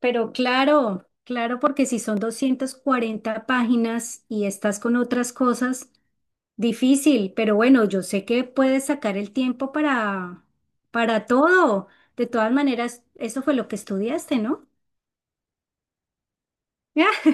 Pero claro, claro, porque si son 240 páginas y estás con otras cosas, difícil, pero bueno, yo sé que puedes sacar el tiempo para todo. De todas maneras, eso fue lo que estudiaste, ¿no? Ah,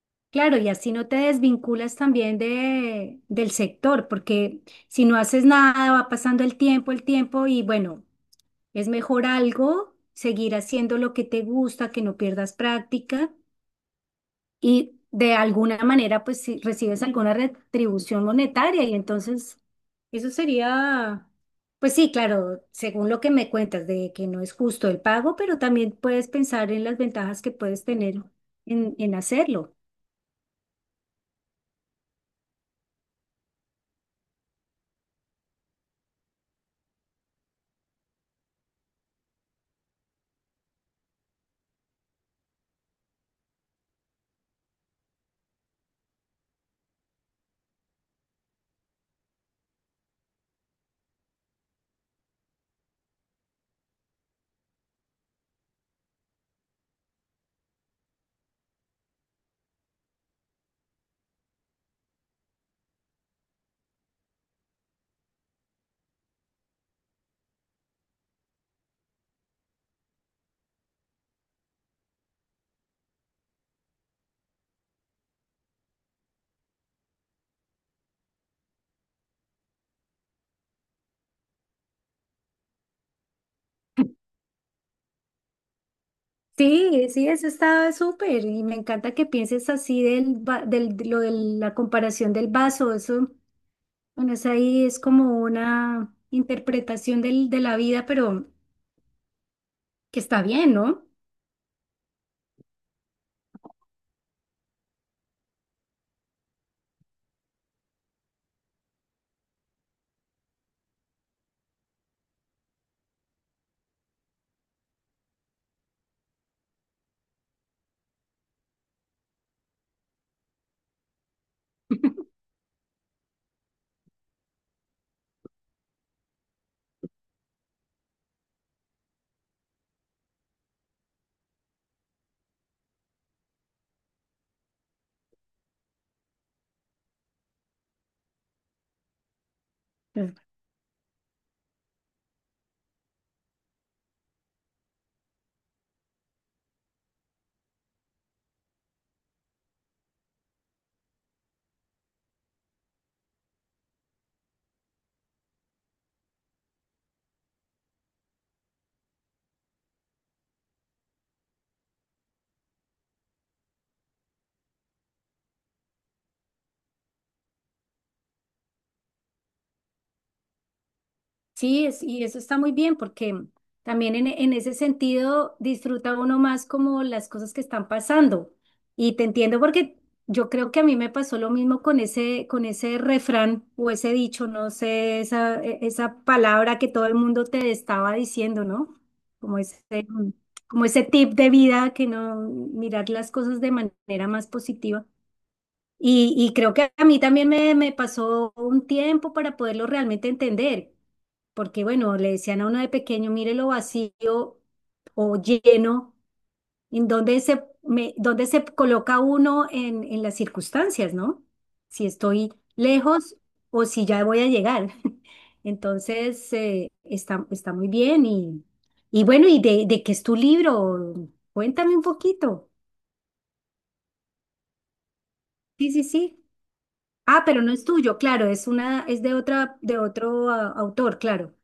claro, y así no te desvinculas también del sector, porque si no haces nada, va pasando el tiempo, y bueno, es mejor algo, seguir haciendo lo que te gusta, que no pierdas práctica. Y de alguna manera pues si recibes alguna retribución monetaria y entonces eso sería, pues sí, claro, según lo que me cuentas de que no es justo el pago, pero también puedes pensar en las ventajas que puedes tener en hacerlo. Sí, sí, eso está súper y me encanta que pienses así del, de lo de la comparación del vaso, eso, bueno, es ahí es como una interpretación de la vida, pero que está bien, ¿no? Sí, es, y eso está muy bien porque también en ese sentido disfruta uno más como las cosas que están pasando. Y te entiendo porque yo creo que a mí me pasó lo mismo con ese refrán o ese dicho, no sé, esa palabra que todo el mundo te estaba diciendo, ¿no? Como ese, como ese tip de vida que no mirar las cosas de manera más positiva. Y creo que a mí también me pasó un tiempo para poderlo realmente entender, porque bueno, le decían a uno de pequeño, mire lo vacío o lleno, en donde se, me, dónde se coloca uno en las circunstancias, ¿no? Si estoy lejos o si ya voy a llegar. Entonces, está, está muy bien y bueno, ¿y de qué es tu libro? Cuéntame un poquito. Sí, sí, sí. Ah, pero no es tuyo, claro, es una, es de otra, de otro autor, claro.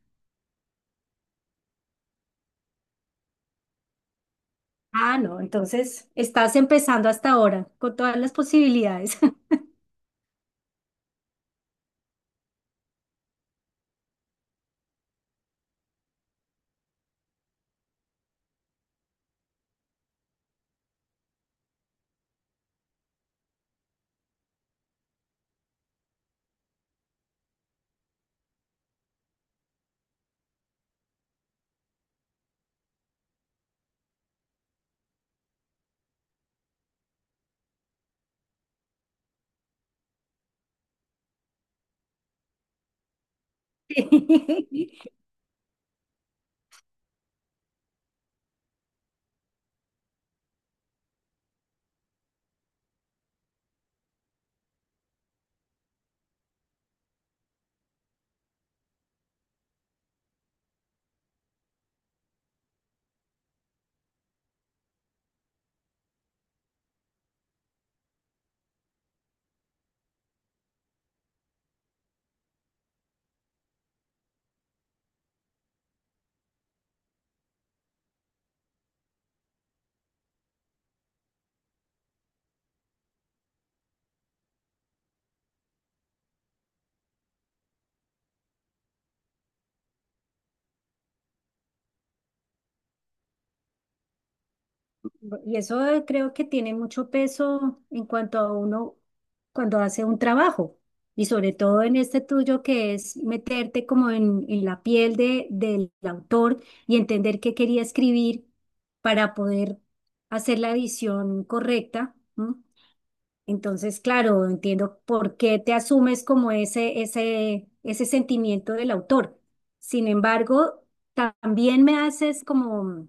Ah, no, entonces estás empezando hasta ahora con todas las posibilidades. Sí. Y eso creo que tiene mucho peso en cuanto a uno cuando hace un trabajo. Y sobre todo en este tuyo que es meterte como en la piel del autor y entender qué quería escribir para poder hacer la edición correcta, ¿no? Entonces, claro, entiendo por qué te asumes como ese sentimiento del autor. Sin embargo, también me haces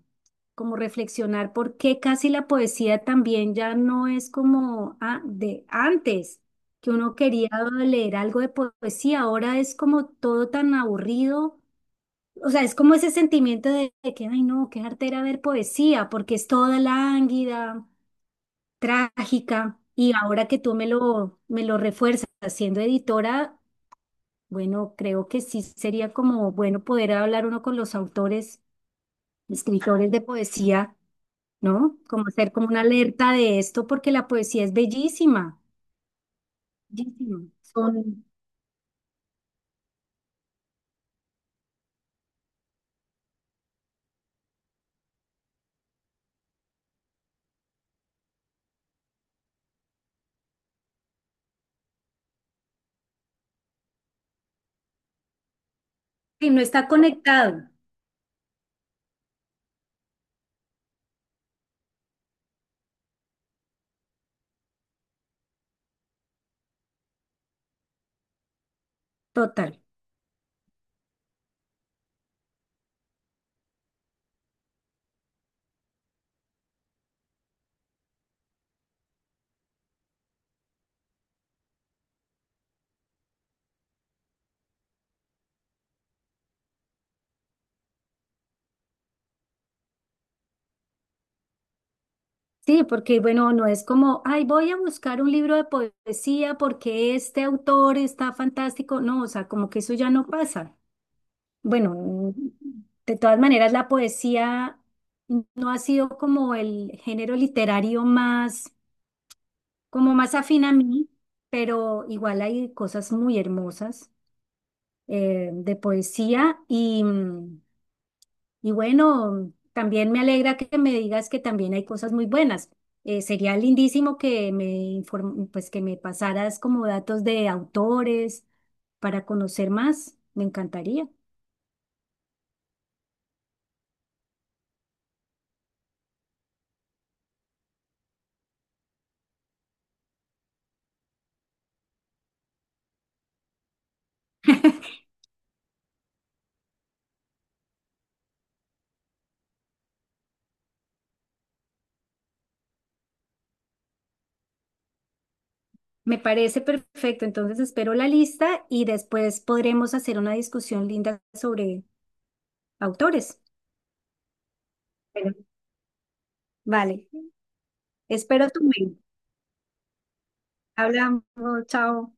como reflexionar por qué casi la poesía también ya no es como a- de antes, que uno quería leer algo de poesía, ahora es como todo tan aburrido. O sea, es como ese sentimiento de que, ay, no, qué arte era ver poesía, porque es toda lánguida trágica y ahora que tú me lo refuerzas siendo editora, bueno, creo que sí sería como bueno poder hablar uno con los autores, escritores de poesía, ¿no? Como hacer como una alerta de esto porque la poesía es bellísima, bellísima. Son, y no está conectado, total. Sí, porque bueno, no es como, ay, voy a buscar un libro de poesía porque este autor está fantástico. No, o sea, como que eso ya no pasa. Bueno, mm, de todas maneras, la poesía no ha sido como el género literario más, como más afín a mí, pero igual hay cosas muy hermosas de poesía y, mm, y bueno, también me alegra que me digas que también hay cosas muy buenas. Sería lindísimo que me pues que me pasaras como datos de autores para conocer más. Me encantaría. Me parece perfecto, entonces espero la lista y después podremos hacer una discusión linda sobre autores. Bueno, vale, espero tu mail. Hablamos, chao.